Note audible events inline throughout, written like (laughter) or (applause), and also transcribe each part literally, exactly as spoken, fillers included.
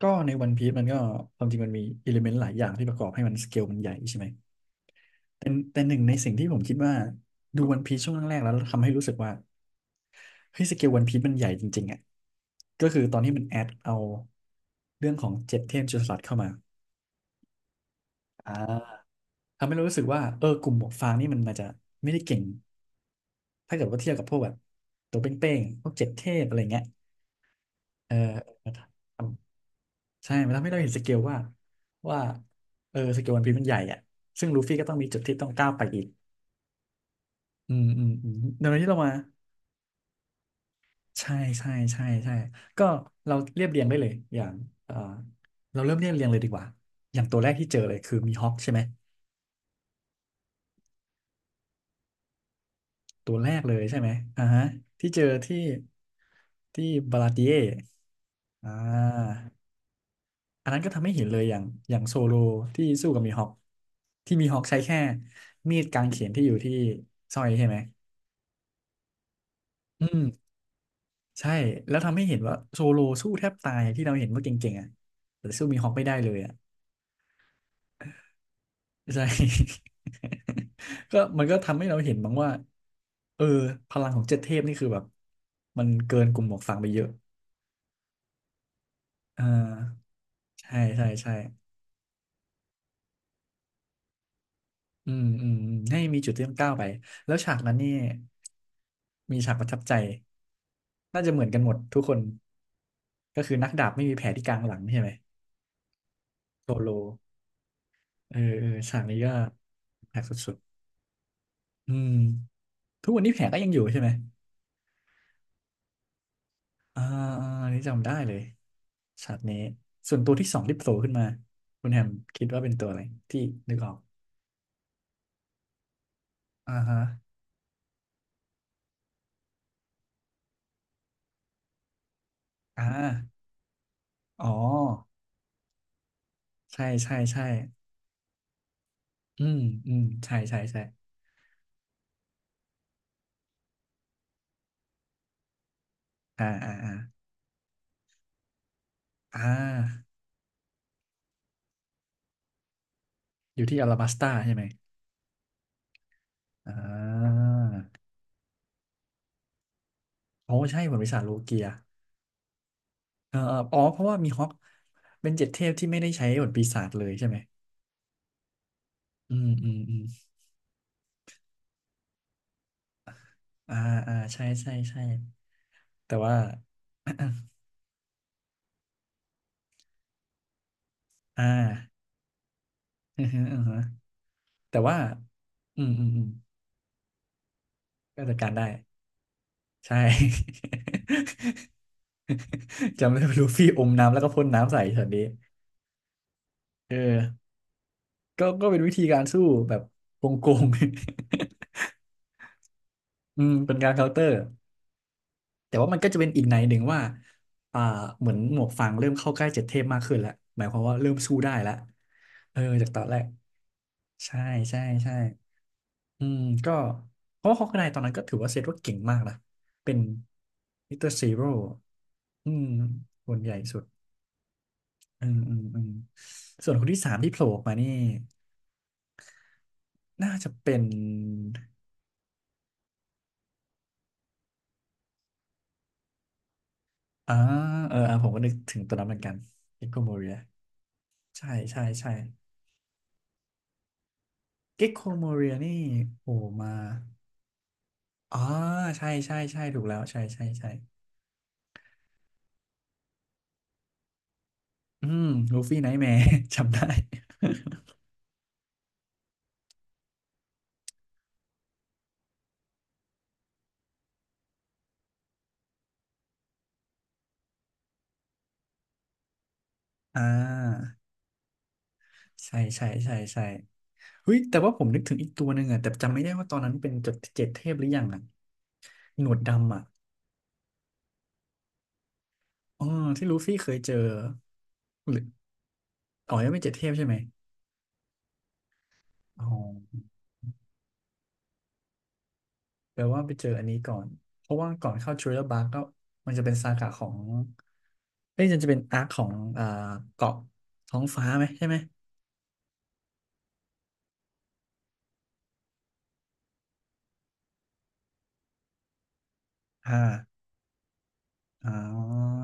ก็ในวันพี e มันก็ความจริงมันมีอิเลเมนต์หลายอย่างที่ประกอบให้มันสเกลมันใหญ่ใช่ไหมแต่แต่หนึ่งในสิ่งที่ผมคิดว่าดูวันพีซช่วงแรกๆแล้วทำให้รู้สึกว่าเฮ้ยสเกลวันพีซมันใหญ่จริงๆอ่ะก็คือตอนที่มันแอดเอาเรื่องของเจ็ดเทพจุลศาสตร์เข้ามาอ่าทำให้เรารู้สึกว่าเออกลุ่มหมวกฟางนี่มันอาจจะไม่ได้เก่งถ้าเกิดว่าเทียบกับพวกแบบตัวเป้งๆพวกเจ็ดเทพอะไรเงี้ยเออ ใช่มันทำให้เราเห็นสเกลว่าว่าเออสเกลวันพีมันใหญ่อ่ะซึ่งลูฟี่ก็ต้องมีจุดที่ต้องก้าวไปอีกอืมอืมอืมเดี๋ยวที่เรามาใช่ใช่ใช่ใช่ก็เราเรียบเรียงได้เลยอย่างเออเราเริ่มเรียบเรียงเลยดีกว่าอย่างตัวแรกที่เจอเลยคือมีฮอกใช่ไหมตัวแรกเลยใช่ไหมอ่าฮะที่เจอที่ที่บาลาติเออ่า อันนั้นก็ทำให้เห็นเลยอย่างอย่างโซโลที่สู้กับมีฮอคที่มีฮอคใช้แค่มีดกางเขนที่อยู่ที่สร้อยใช่ไหมอืมใช่แล้วทำให้เห็นว่าโซโลสู้แทบตายที่เราเห็นว่าเก่งๆอ่ะแต่สู้มีฮอคไม่ได้เลยอ่ะใช่ (laughs) ก็มันก็ทำให้เราเห็นบ้างว่าเออพลังของเจ็ดเทพนี่คือแบบมันเกินกลุ่มหมวกฟางไปเยอะอ่าใช่ใช่ใช่อืมอืมอืมให้มีจุดที่ต้องก้าวไปแล้วฉากนั้นนี่มีฉากประทับใจ น่าจะเหมือนกันหมดทุกคนก็คือนักดาบไม่มีแผลที่กลางหลังใช่ไหมโซโลเออเออฉากนี้ก็แผลกสุดๆอืมทุกวันนี้แผลก็ยังอยู่ใช่ไหมอ่าอ่าอันนี่จำได้เลยฉากนี้ส่วนตัวที่สองที่โผล่ขึ้นมาคุณแฮมคิดว่าเป็นตัวอะไรที่นึกออกอ่าฮะอ่าอ๋อใช่ใช่ใช่อืมอืมใช่ใช่ใช่อ่าอ่าอ่าอ่าอยู่ที่อลาบัสตาใช่ไหมอ่าโอ้ใช่ผลปีศาจโลเกีย เอออ๋อเพราะว่ามีฮอกเป็นเจ็ดเทพที่ไม่ได้ใช้บทปีศาจเลยใช่ไหมอืมอืมอืมอ่าอ่าใช่ใช่ใช่แต่ว่า (coughs) อ่า (laughs) อือฮึอือฮึแต่ว่าอืมอืมอืมก็จัดการได้ใช่ (laughs) จำได้ว่าลูฟี่อมน้ำแล้วก็พ่นน้ำใส่ช็อตนี้เออก็ก็เป็นวิธีการสู้แบบโกงๆ (laughs) อืมเป็นการเคาน์เตอร์ แต่ว่ามันก็จะเป็นอีกในหนึ่งว่าอ่าเหมือนหมวกฟางเริ่มเข้าใกล้เจ็ดเทพมากขึ้นแล้ว หมายความว่าเริ่มสู้ได้แล้วเออจากตอนแรกใช่ใช่ใช่อืมก็เพราะว่าฮอกไกตอนนั้นก็ถือว่าเซตว่าเก่งมากนะเป็นมิสเตอร์ซีโร่อืมคนใหญ่สุด อืมอืมอืมส่วนคนที่สามที่โผล่ออกมานี่น่าจะเป็นอ่าเอออ่าผมก็นึกถึงตัวนั้นเหมือนกันเก็กโคโมเรียใช่ใช่ใช่เก็กโคโมเรียนี่โผล่มา อ๋อใช่ใช่ใช่ถูกแล้วใช่ใช่ใช่อืมลูฟี่ไนท์แมร์ (laughs) จำได้ (laughs) อ่าใช่ใช่ใช่ใช่เฮ้ยแต่ว่าผมนึกถึงอีกตัวหนึ่งอะแต่จำไม่ได้ว่าตอนนั้นเป็นจดเจ็ดเทพหรือยังอะหนวดดำอะอ๋อที่ลูฟี่เคยเจอหรืออ๋อยังไม่เจ็ดเทพใช่ไหมอ๋อแปลว่าไปเจออันนี้ก่อนเพราะว่าก่อนเข้าทริลเลอร์บาร์ก็มันจะเป็นซากะของเอ้ยมันจะเป็นอาร์คของอ่าเกาะท้องฟ้าไหมใช่ไหมอ่า อ่า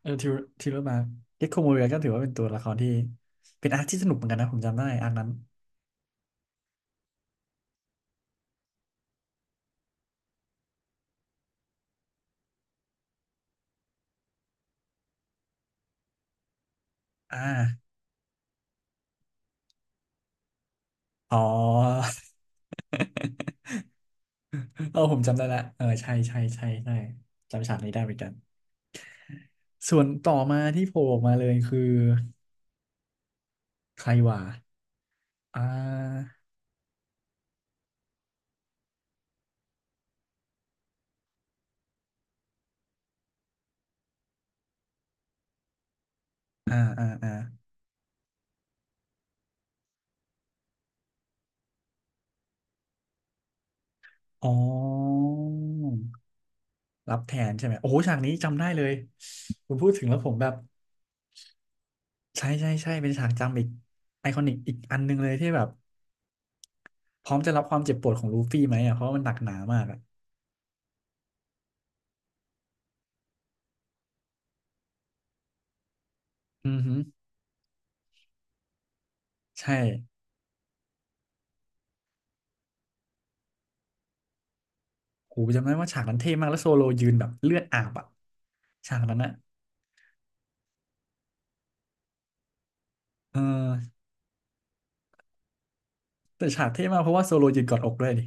เออทิวทิวมาเด็กโคโมเรียก็ถือว่าเป็นตัวละครที่เป็นอาร์คที่สนุกเหมือนกันนะผมจำได้อาร์คนั้นอ่าอ๋อ (laughs) เออผมจำได้ละเออใช่ใช่ใช่ใช่จำฉากนี้ได้เหมือนกันส่วนต่อมาที่โผล่ออกมาเลยคือใครว่าอ่าอ่าอ่าอ่าอ๋อรับแทนใช่ไหมโอ้โหฉากนี้จำได้เลยคุณพูดถึงแล้วผมแบบใช่ใช่ใช่เป็นฉากจำอีกไอคอนิกอีกอันหนึ่งเลยที่แบบ พร้อมจะรับความเจ็บปวดของลูฟี่ไหมอ่ะเพราะมันหนักหนามากอ่ะอือหือใช่โหจำได้ว่าฉากนั้นเท่มากแล้วโซโลยืนแบบเลือดอาบอ่ะฉากนั้นอ่ะเออแต่ฉากเท่มากเพราะว่าโซโลยืนกอดอกด้วยดิ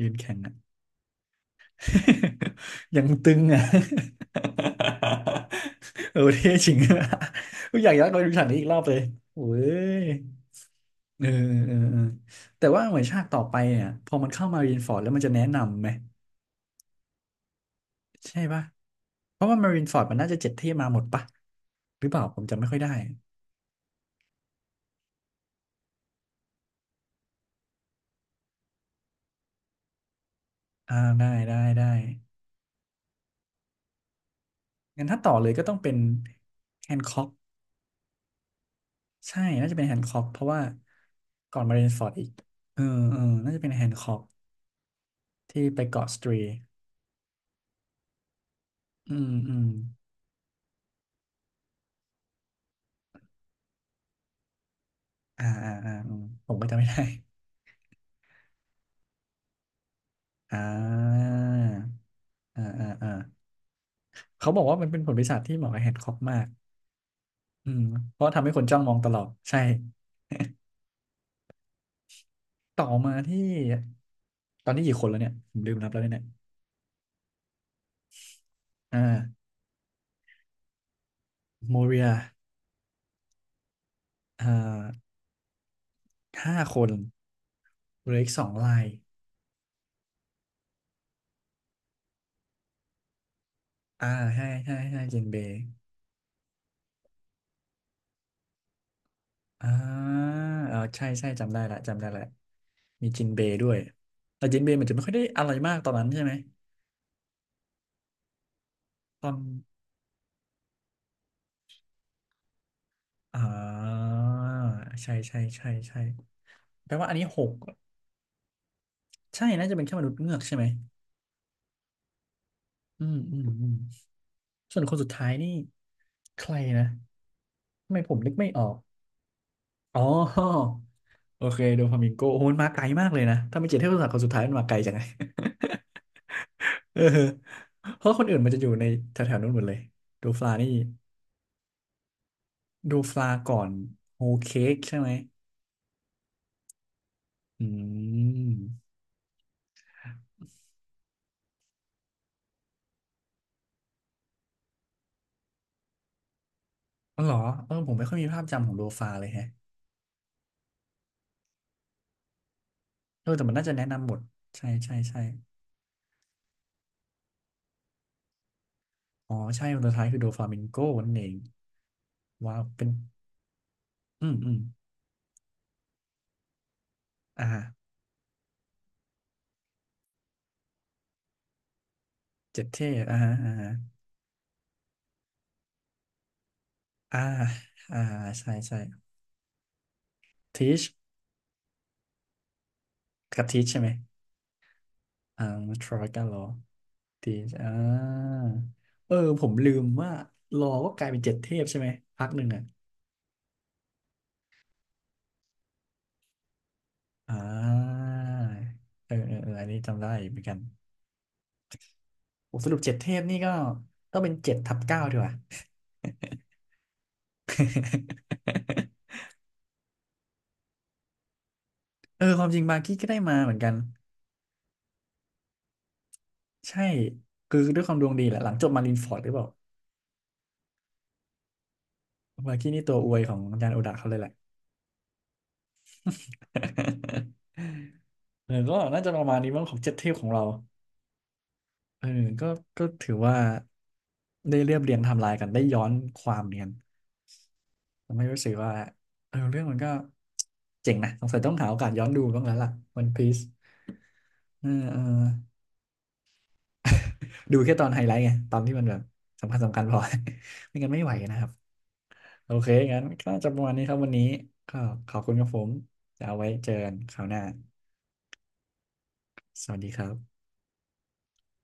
ยืนแข็งอ่ะ (laughs) ยังตึงอ่ะ (laughs) เออเท่จริง (laughs) กูอยากย้อนกับไปดูฉากนี้อีกรอบเลยโอ้ยเออเออเออแต่ว่าเหมือนฉากต่อไปเนี่ยพอมันเข้ามารีนฟอร์ดแล้วมันจะแนะนำไหม ใช่ป่ะเพราะว่ามารินฟอร์ดมันน่าจะเจ็ดที่มาหมดป่ะหรือเปล่าผมจำไม่ค่อยได้อ่าได้ได้ได้งั้นถ้าต่อเลยก็ต้องเป็นแฮนค็อกใช่น่าจะเป็นแฮนค็อกเพราะว่าก่อนมารินฟอร์ดอีกเออเออน่าจะเป็นแฮนค็อกที่ไปเกาะสตรีอืมอืมอ่าอ่าอ่าอืมผมก็จำไม่ได้อ่าอ่าอ่าอ่าเขาบอกว่ามันเป็นผลปีศาจที่เหมาะกับแฮนค็อกมากอืมเพราะทำให้คนจ้องมองตลอดใช่ ต่อมาที่ตอนนี้กี่คนแล้วเนี่ยผมลืมนับแล้วเนี่ยอ่าโมเรียอ่าห้าคนเหลืออีกสองลายอ่าใช่ใช่ใช่จินเบย์อ่าเออใช่ใช่จำได้ละจำได้ละมีจินเบย์ด้วยแต่จินเบย์มันจะไม่ค่อยได้อะไรมากตอนนั้นใช่ไหมตอนอ่าใช่ใช่ใช่ใช่แปลว่าอันนี้หกใช่น่าจะเป็นแค่มนุษย์เงือกใช่ไหมอืมอืมอืมส่วนคนสุดท้ายนี่ใครนะทำไมผมนึกไม่ออก อ๋อโอเคโดฟามิงโกโอ้โหมันมาไกลมากเลยนะถ้าไม่เจ็ดเทพศาสตร์คนสุดท้ายมันมาไกลจังไง (laughs) เออเพราะคนอื่นมันจะอยู่ในแถวๆนู้นหมดเลยโดฟลานี่โดฟลาก่อนโฮเค้กใช่ไหมอืมอ๋อเหรอเออผมไม่ค่อยมีภาพจำของโดฟาเลยแฮะเออแต่มันน่าจะแนะนำหมดใช่ใช่ใช่อ๋อใช่คนสุดท้ายคือโดฟามิงโกนั่นเองว้าวเป็นอืมอืมอ่าเจ็ดเทพอ่าฮะอ่าฮะอ่าอ่าใช่ใช่ทีช กะทิใช่ไหมอ่าทรอยกาลอทีอ่าเออผมลืมว่ารอก็กลายเป็นเจ็ดเทพใช่ไหม พักหนึ่งอ่ะอ่าเออเออเอออันนี้จำได้เหมือนกันโอ้สรุปเจ็ดเทพนี่ก็ต้องเป็นเจ็ดทับเก้าดีกว่า (laughs) เออความจริงบาร์กี้ก็ได้มาเหมือนกัน ใช่คือด้วยความดวงดีแหละหลังจบมารินฟอร์ดหรือเปล่า บาร์กี้นี่ตัวอวยของอาจารย์โอดะเขาเลยแหละ (laughs) เออก็น่าจะประมาณนี้มั้งของเจ็ดเทพของเรา เออก็ก็ถือว่าได้เรียบเรียงไทำลายกันได้ย้อนความเนียนทำให้รู้สึกว่าเออเรื่องมันก็เจ๋งนะสงสัยต้องหาโอกาสย้อนดูบ้างแล้วล่ะ One Piece เออเออดูแค่ตอนไฮไลท์ไงตอนที่มันแบบสำคัญสำคัญพอ (laughs) ไม่งั้นไม่ไหวนะครับโอเคงั้นก็จะประมาณนี้ครับวันนี้ก็ขอบคุณครับผมจะเอาไว้เจอกันคราวหน้าสวัสดีครับ